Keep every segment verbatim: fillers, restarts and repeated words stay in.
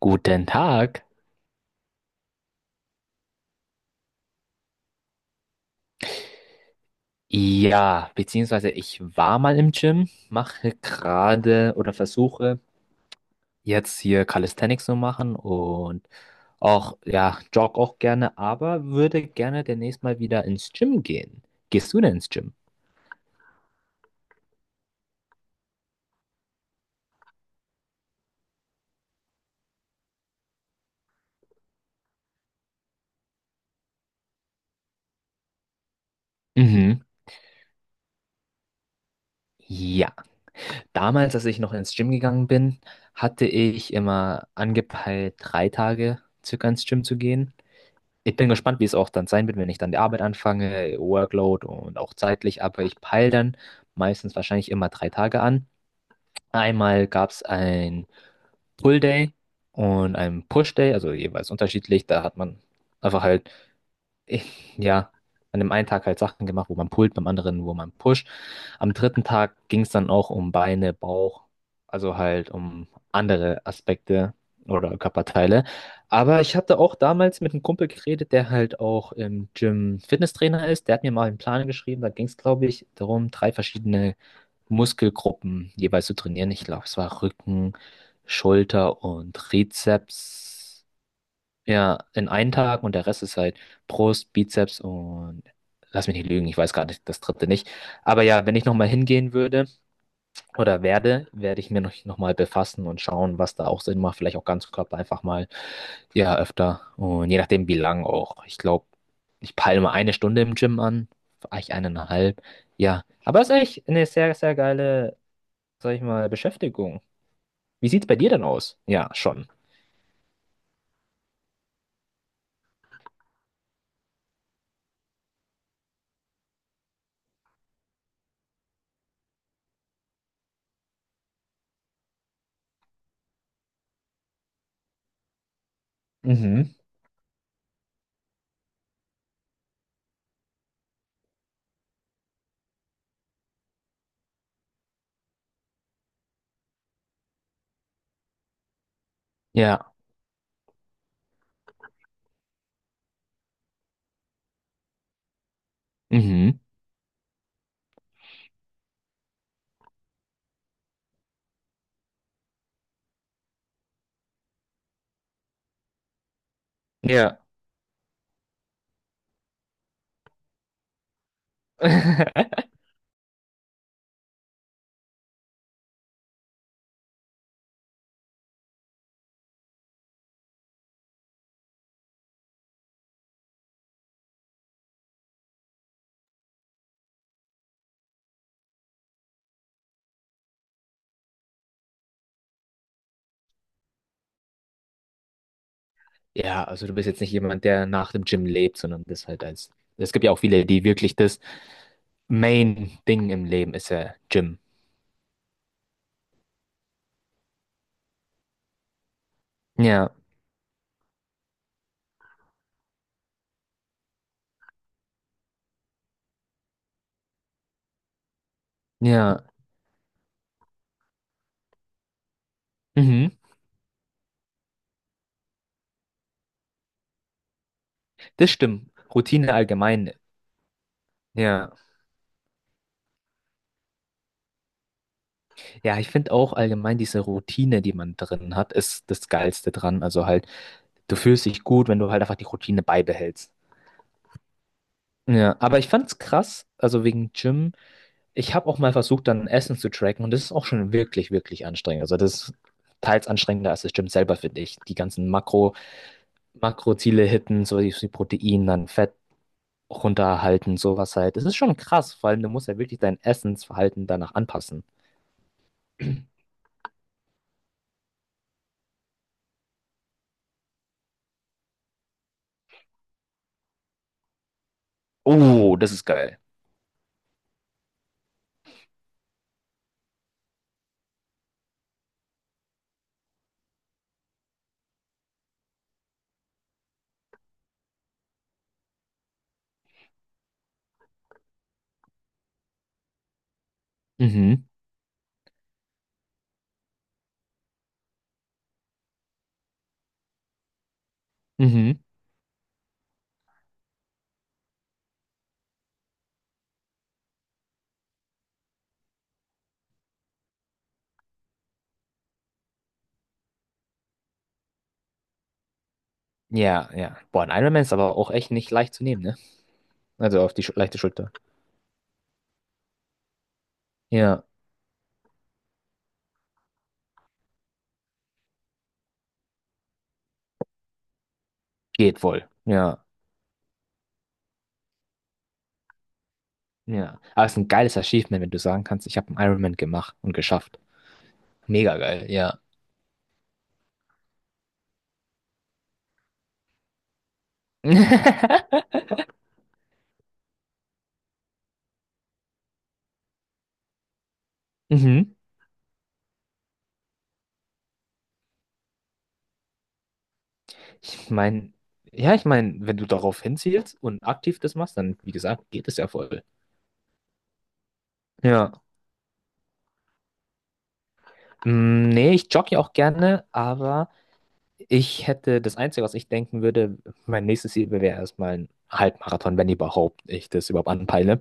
Guten Tag. Ja, beziehungsweise ich war mal im Gym, mache gerade oder versuche jetzt hier Calisthenics zu machen und auch, ja, jogge auch gerne, aber würde gerne demnächst mal wieder ins Gym gehen. Gehst du denn ins Gym? Mhm. Ja, damals, als ich noch ins Gym gegangen bin, hatte ich immer angepeilt, drei Tage circa ins Gym zu gehen. Ich bin gespannt, wie es auch dann sein wird, wenn ich dann die Arbeit anfange, Workload und auch zeitlich, aber ich peile dann meistens wahrscheinlich immer drei Tage an. Einmal gab es ein Pull Day und ein Push Day, also jeweils unterschiedlich. Da hat man einfach halt ich, ja, an dem einen Tag halt Sachen gemacht, wo man pullt, beim anderen, wo man pusht. Am dritten Tag ging es dann auch um Beine, Bauch, also halt um andere Aspekte oder Körperteile. Aber ich hatte auch damals mit einem Kumpel geredet, der halt auch im Gym Fitnesstrainer ist. Der hat mir mal einen Plan geschrieben. Da ging es, glaube ich, darum, drei verschiedene Muskelgruppen jeweils zu trainieren. Ich glaube, es war Rücken, Schulter und Trizeps. Ja, in einen Tag und der Rest ist halt Brust, Bizeps und lass mich nicht lügen, ich weiß gar nicht, das dritte nicht. Aber ja, wenn ich nochmal hingehen würde oder werde, werde ich mir noch, noch mal befassen und schauen, was da auch Sinn macht. Vielleicht auch Ganzkörper einfach mal, ja, öfter. Und je nachdem, wie lang auch. Ich glaube, ich peile mal eine Stunde im Gym an, vielleicht eineinhalb. Ja, aber ist echt eine sehr, sehr geile, sag ich mal, Beschäftigung. Wie sieht's bei dir denn aus? Ja, schon. Mhm. Ja. Mhm. Ja. Ja, also du bist jetzt nicht jemand, der nach dem Gym lebt, sondern das halt als. Es gibt ja auch viele, die wirklich das Main-Ding im Leben ist ja Gym. Ja, ja, mhm, das stimmt. Routine allgemein. Ja, ja, ich finde auch allgemein diese Routine, die man drin hat, ist das Geilste dran. Also halt, du fühlst dich gut, wenn du halt einfach die Routine beibehältst. Ja, aber ich fand's krass, also wegen Gym. Ich habe auch mal versucht, dann Essen zu tracken und das ist auch schon wirklich, wirklich anstrengend. Also das ist teils anstrengender als das Gym selber, finde ich. Die ganzen Makro, Makroziele hitten, so wie die Protein, dann Fett runterhalten, sowas halt. Das ist schon krass, vor allem du musst ja wirklich dein Essensverhalten danach anpassen. Oh, das ist geil. Mhm, mhm. Ja, ja. Boah, ein Ironman ist aber auch echt nicht leicht zu nehmen, ne? Also auf die Schu leichte Schulter. Ja, geht wohl. Ja, ja. Aber es ist ein geiles Achievement, wenn du sagen kannst, ich habe einen Ironman gemacht und geschafft. Mega geil, ja. Mhm. Ich meine, ja, ich meine, wenn du darauf hinzielst und aktiv das machst, dann, wie gesagt, geht es ja voll. Ja. Mm, nee, ich jogge ja auch gerne, aber ich hätte das Einzige, was ich denken würde, mein nächstes Ziel wäre erstmal ein Halbmarathon, wenn überhaupt ich das überhaupt anpeile.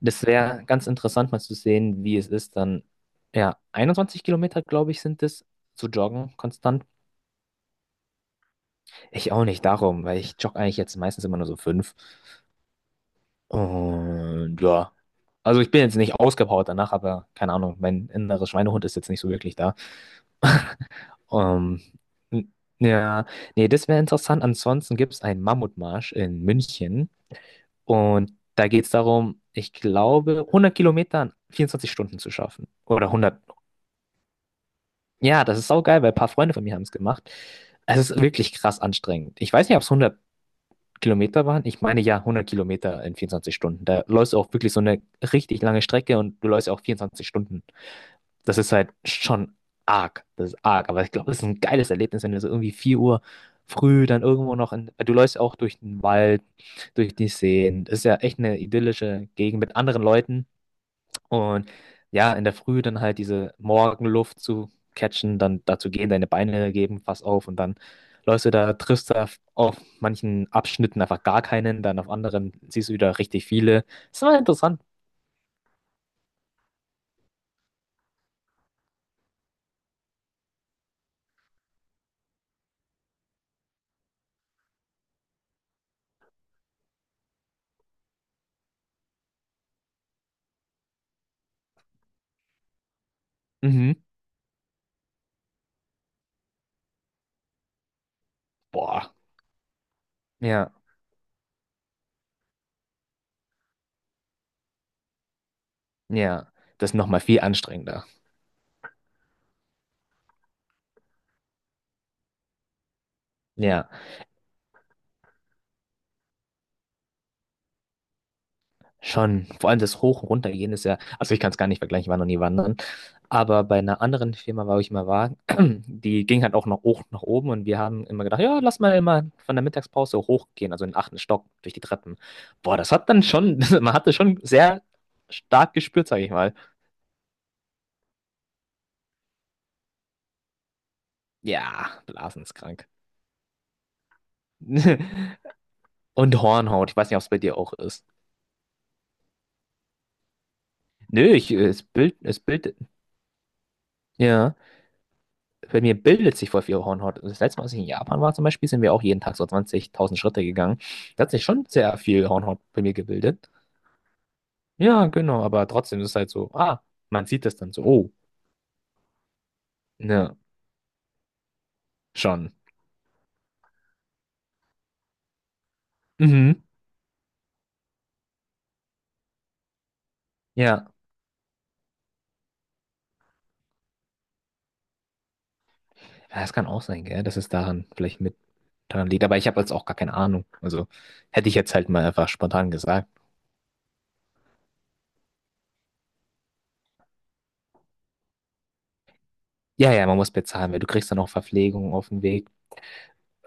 Das wäre ganz interessant, mal zu sehen, wie es ist, dann, ja, einundzwanzig Kilometer, glaube ich, sind es, zu joggen, konstant. Ich auch nicht darum, weil ich jogge eigentlich jetzt meistens immer nur so fünf. Und ja. Also ich bin jetzt nicht ausgepowert danach, aber keine Ahnung, mein innerer Schweinehund ist jetzt nicht so wirklich da. Ähm, n- ja, nee, das wäre interessant. Ansonsten gibt es einen Mammutmarsch in München und da geht es darum, ich glaube, hundert Kilometer in vierundzwanzig Stunden zu schaffen. Oder hundert. Ja, das ist saugeil, weil ein paar Freunde von mir haben es gemacht. Es ist wirklich krass anstrengend. Ich weiß nicht, ob es hundert Kilometer waren? Ich meine ja hundert Kilometer in vierundzwanzig Stunden. Da läufst du auch wirklich so eine richtig lange Strecke und du läufst ja auch vierundzwanzig Stunden. Das ist halt schon arg. Das ist arg. Aber ich glaube, das ist ein geiles Erlebnis, wenn du so irgendwie vier Uhr früh dann irgendwo noch in, du läufst auch durch den Wald, durch die Seen. Das ist ja echt eine idyllische Gegend mit anderen Leuten. Und ja, in der Früh dann halt diese Morgenluft zu catchen, dann dazu gehen, deine Beine geben fast auf und dann läufst du da, triffst da auf auf manchen Abschnitten einfach gar keinen, dann auf anderen siehst du wieder richtig viele. Das war interessant. Mhm. Boah. Ja, ja. Das ist nochmal viel anstrengender. Ja, schon. Vor allem das Hoch- und Runtergehen ist ja, also ich kann es gar nicht vergleichen, ich war noch nie wandern. Aber bei einer anderen Firma, wo ich mal war, die ging halt auch noch hoch nach oben und wir haben immer gedacht, ja, lass mal immer von der Mittagspause hochgehen, also in den achten Stock durch die Treppen. Boah, das hat dann schon, man hatte schon sehr stark gespürt, sage ich mal. Ja, Blasen ist krank. Und Hornhaut, ich weiß nicht, ob es bei dir auch ist. Nö, ich, äh, es bild, es bildet, ja, bei mir bildet sich voll viel Hornhaut. Das letzte Mal, als ich in Japan war zum Beispiel, sind wir auch jeden Tag so zwanzigtausend Schritte gegangen. Da hat sich schon sehr viel Hornhaut bei mir gebildet. Ja, genau, aber trotzdem ist es halt so, ah, man sieht das dann so, oh, ne, schon. Mhm. Ja. Ja, das kann auch sein, gell, dass es daran vielleicht mit daran liegt, aber ich habe jetzt auch gar keine Ahnung. Also hätte ich jetzt halt mal einfach spontan gesagt. Ja, ja, man muss bezahlen, weil du kriegst dann auch Verpflegung auf dem Weg.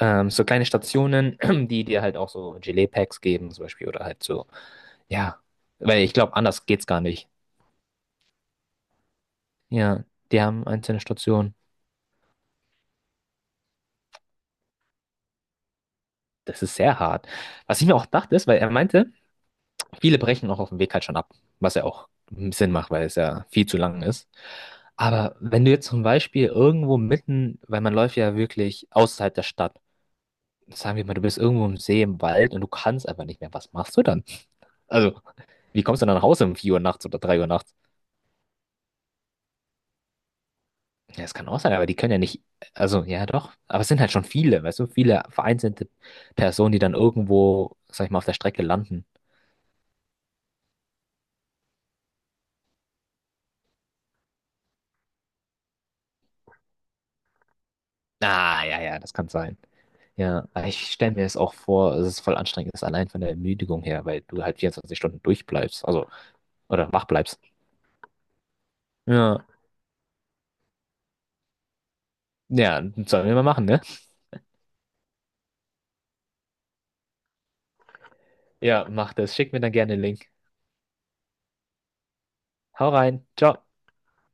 Ähm, so kleine Stationen, die dir halt auch so Gelee-Packs geben, zum Beispiel, oder halt so, ja, weil ich glaube, anders geht's gar nicht. Ja, die haben einzelne Stationen. Das ist sehr hart. Was ich mir auch dachte, ist, weil er meinte, viele brechen auch auf dem Weg halt schon ab, was ja auch Sinn macht, weil es ja viel zu lang ist. Aber wenn du jetzt zum Beispiel irgendwo mitten, weil man läuft ja wirklich außerhalb der Stadt, sagen wir mal, du bist irgendwo im See, im Wald und du kannst einfach nicht mehr, was machst du dann? Also, wie kommst du dann nach Hause um vier Uhr nachts oder drei Uhr nachts? Ja, das kann auch sein, aber die können ja nicht, also ja doch, aber es sind halt schon viele, weißt du, viele vereinzelte Personen, die dann irgendwo, sag ich mal, auf der Strecke landen. Ah, ja, ja, das kann sein. Ja, aber ich stelle mir es auch vor, es ist voll anstrengend, ist allein von der Ermüdung her, weil du halt vierundzwanzig Stunden durchbleibst, also, oder wach bleibst. Ja, ja, sollen wir mal machen, ne? Ja, mach das. Schick mir dann gerne den Link. Hau rein. Ciao.